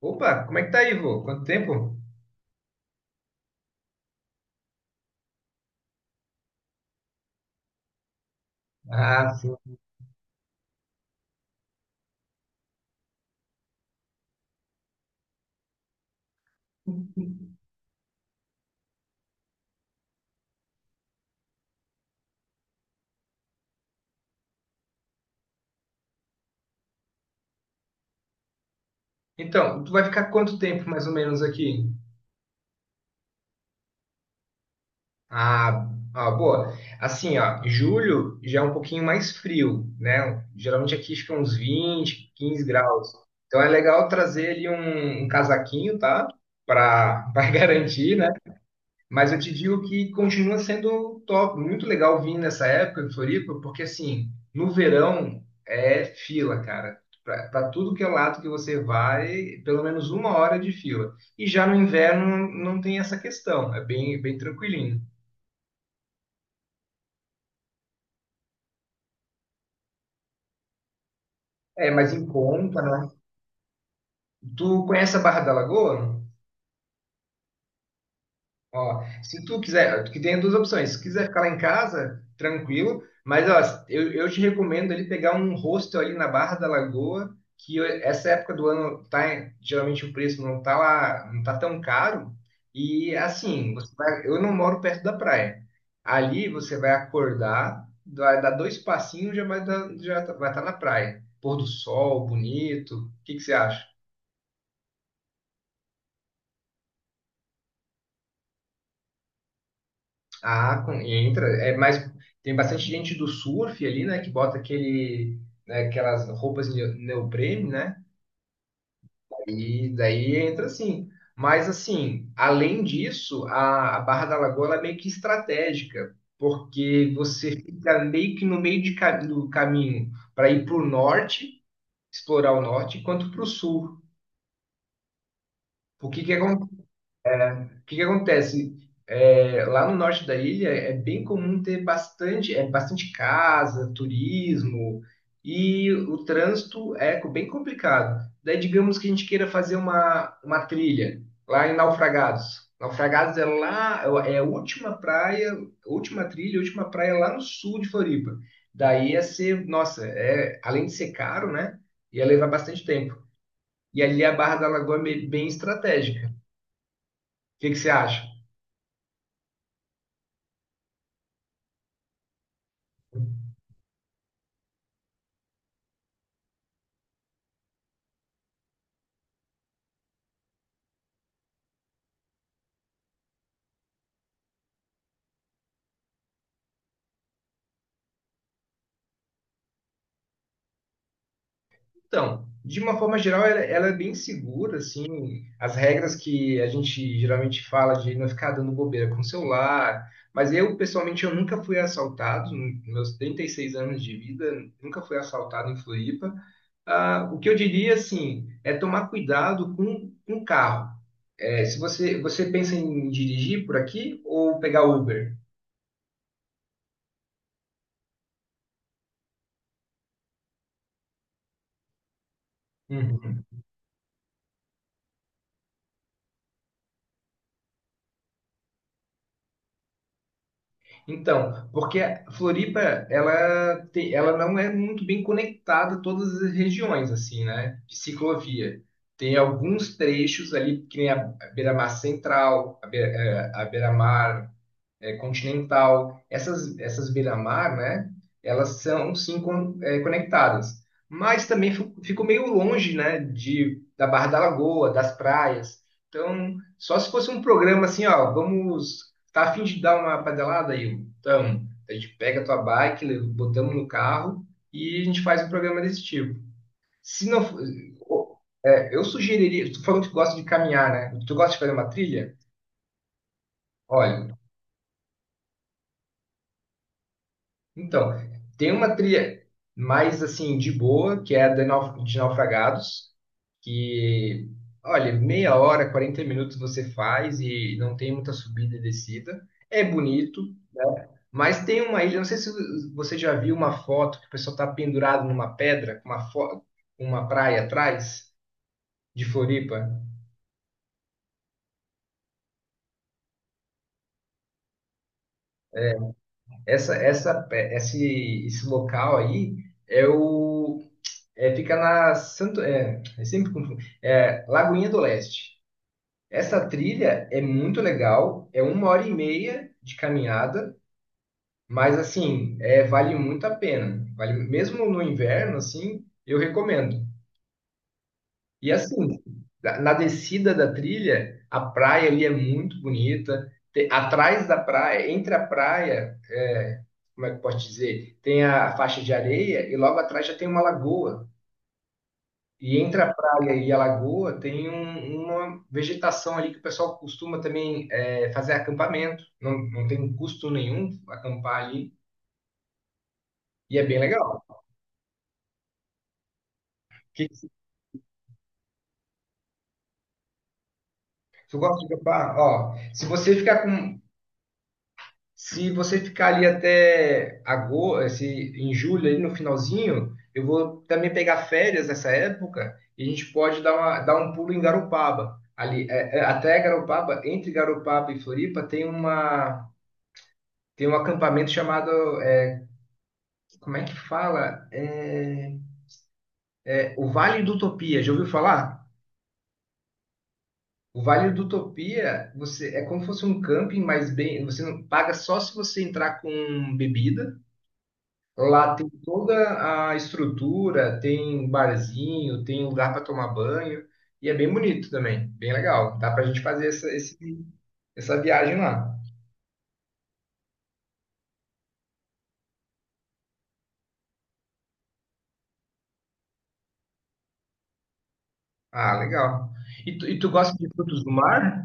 Opa, como é que tá aí, vô? Quanto tempo? Ah, sim. Então, tu vai ficar quanto tempo mais ou menos aqui? Ah, ah, boa. Assim, ó, julho já é um pouquinho mais frio, né? Geralmente aqui fica uns 20, 15 graus. Então é legal trazer ali um casaquinho, tá? Para para garantir, né? Mas eu te digo que continua sendo top, muito legal vir nessa época em Floripa, porque assim, no verão é fila, cara. Para tudo que é lado que você vai, pelo menos uma hora de fila. E já no inverno não tem essa questão, é bem, bem tranquilinho. É, mas em conta, né? Tu conhece a Barra da Lagoa? Ó, se tu quiser, que tem duas opções. Se quiser ficar lá em casa, tranquilo, mas ó, eu te recomendo ali pegar um hostel ali na Barra da Lagoa, essa época do ano tá, geralmente o preço não tá lá, não tá tão caro. E assim, você vai, eu não moro perto da praia. Ali você vai acordar, vai dar dois passinhos, já vai dar, vai estar na praia. Pôr do sol, bonito. O que que você acha? Ah, e entra. É mais, tem bastante gente do surf ali, né? Que bota aquele, né, aquelas roupas neoprene, né? E daí entra assim. Mas assim, além disso, a Barra da Lagoa ela é meio que estratégica, porque você fica meio que no meio do caminho para ir para o norte, explorar o norte, quanto para o sul. O que que O que que acontece? É, lá no norte da ilha é bem comum ter bastante, é, bastante casa, turismo, e o trânsito é bem complicado. Daí, digamos que a gente queira fazer uma trilha lá em Naufragados. Naufragados é lá, é a última praia, última trilha, última praia lá no sul de Floripa. Daí ia ser, nossa, é, além de ser caro, né? Ia levar bastante tempo. E ali a Barra da Lagoa é bem bem estratégica. O que que você acha? Então, de uma forma geral, ela é bem segura, assim, as regras que a gente geralmente fala de não ficar dando bobeira com o celular, mas eu, pessoalmente, eu nunca fui assaltado, nos meus 36 anos de vida, nunca fui assaltado em Floripa. Ah, o que eu diria, assim, é tomar cuidado com o carro. É, se você pensa em dirigir por aqui ou pegar Uber? Uhum. Então, porque a Floripa, ela não é muito bem conectada a todas as regiões, assim, né? De ciclovia. Tem alguns trechos ali, que nem a Beira-Mar Central, a Beira-Mar é, continental, essas beira-mar, né? Elas são sim conectadas, mas também ficou meio longe, né? Da Barra da Lagoa, das praias. Então, só se fosse um programa assim, ó, vamos, tá a fim de dar uma pedalada aí? Então, a gente pega a tua bike, botamos no carro e a gente faz um programa desse tipo. Se não, eu sugeriria, tu falou que gosta de caminhar, né? Tu gosta de fazer uma trilha? Olha, então, tem uma trilha mais assim de boa, que é a de Naufragados, que, olha, meia hora, 40 minutos você faz e não tem muita subida e descida. É bonito, né? Mas tem uma ilha, não sei se você já viu uma foto que o pessoal está pendurado numa pedra, com uma praia atrás de Floripa. Esse local aí é o é, fica na Santo, eu sempre confundo, Lagoinha do Leste. Essa trilha é muito legal, é uma hora e meia de caminhada, mas assim, é, vale muito a pena. Vale, mesmo no inverno, assim, eu recomendo. E assim, na descida da trilha, a praia ali é muito bonita. Atrás da praia, entre a praia, é, como é que eu posso dizer, tem a faixa de areia e logo atrás já tem uma lagoa. E entre a praia e a lagoa tem uma vegetação ali que o pessoal costuma também é, fazer acampamento. Não, não tem custo nenhum acampar ali. E é bem legal. Que, se eu gosto de acampar, ó, se você ficar ali até agosto, se, em julho, ali no finalzinho, eu vou também pegar férias nessa época e a gente pode dar um pulo em Garopaba. Ali, até Garopaba, entre Garopaba e Floripa, tem um acampamento chamado como é que fala? O Vale do Utopia, já ouviu falar? O Vale do Utopia, você é como se fosse um camping, mas bem, você não paga só se você entrar com bebida. Lá tem toda a estrutura, tem um barzinho, tem um lugar para tomar banho e é bem bonito também, bem legal. Dá pra gente fazer essa viagem lá. Ah, legal. E tu gosta de frutos do mar?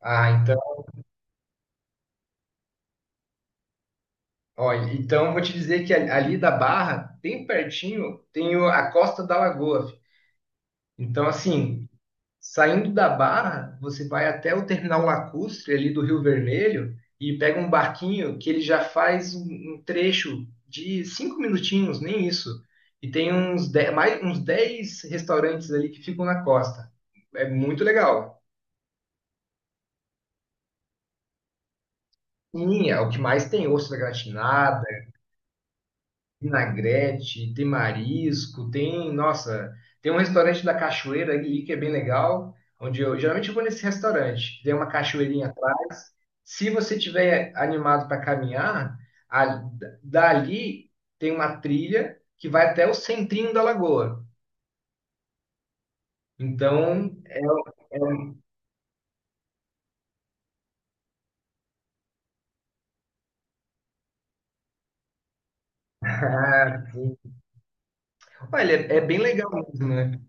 Ah, então. Olha, então eu vou te dizer que ali da Barra, bem pertinho, tem a Costa da Lagoa. Fi. Então, assim, saindo da Barra, você vai até o terminal lacustre ali do Rio Vermelho e pega um barquinho que ele já faz um trecho de cinco minutinhos, nem isso. E tem uns dez restaurantes ali que ficam na costa. É muito legal. Sim, é o que mais tem, ostra gratinada, vinagrete, tem marisco, tem, nossa, tem um restaurante da Cachoeira ali que é bem legal, onde eu geralmente eu vou nesse restaurante, tem uma cachoeirinha atrás. Se você tiver animado para caminhar, a- dali tem uma trilha que vai até o centrinho da lagoa. Então, é- ah, sim. Olha, é bem legal mesmo, né?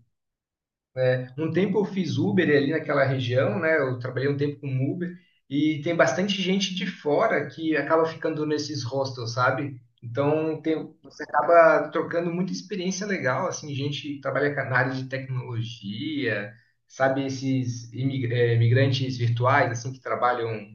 É, um tempo eu fiz Uber ali naquela região, né? Eu trabalhei um tempo com Uber e tem bastante gente de fora que acaba ficando nesses hostels, sabe? Você acaba trocando muita experiência legal, assim, gente que trabalha com na área de tecnologia, sabe, esses imigrantes virtuais, assim, que trabalham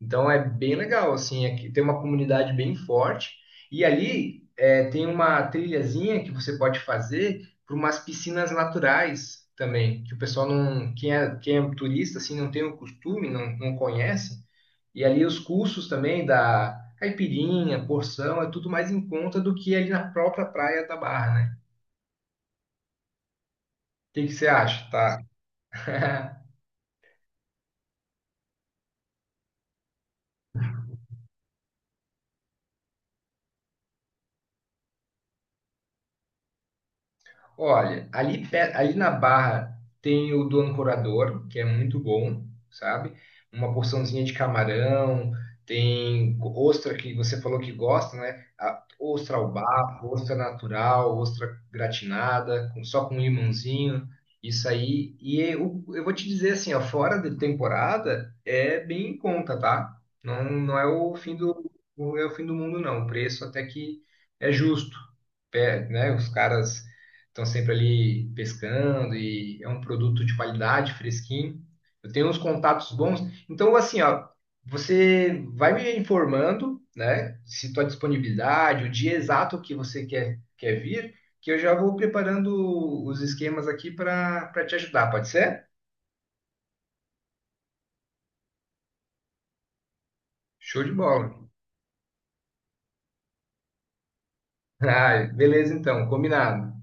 então é bem legal, assim, aqui tem uma comunidade bem forte e ali tem uma trilhazinha que você pode fazer para umas piscinas naturais também, que o pessoal não, quem é turista assim não tem o costume, não, não conhece. E ali os custos também da caipirinha, porção, é tudo mais em conta do que ali na própria praia da Barra, né? O que que você acha? Tá. Olha, ali, ali na Barra tem o do Ancorador, que é muito bom, sabe? Uma porçãozinha de camarão, tem ostra que você falou que gosta, né? A ostra ao bafo, ostra natural, ostra gratinada, só com limãozinho, isso aí. E eu vou te dizer assim, ó, fora de temporada é bem em conta, tá? Não, não é o fim do, não é o fim do mundo, não. O preço até que é justo pé, né? Os caras estão sempre ali pescando e é um produto de qualidade, fresquinho. Eu tenho uns contatos bons. Então, assim, ó, você vai me informando, né, se tua disponibilidade, o dia exato que você quer vir, que eu já vou preparando os esquemas aqui para te ajudar, pode ser? Show de bola. Ah, beleza, então, combinado.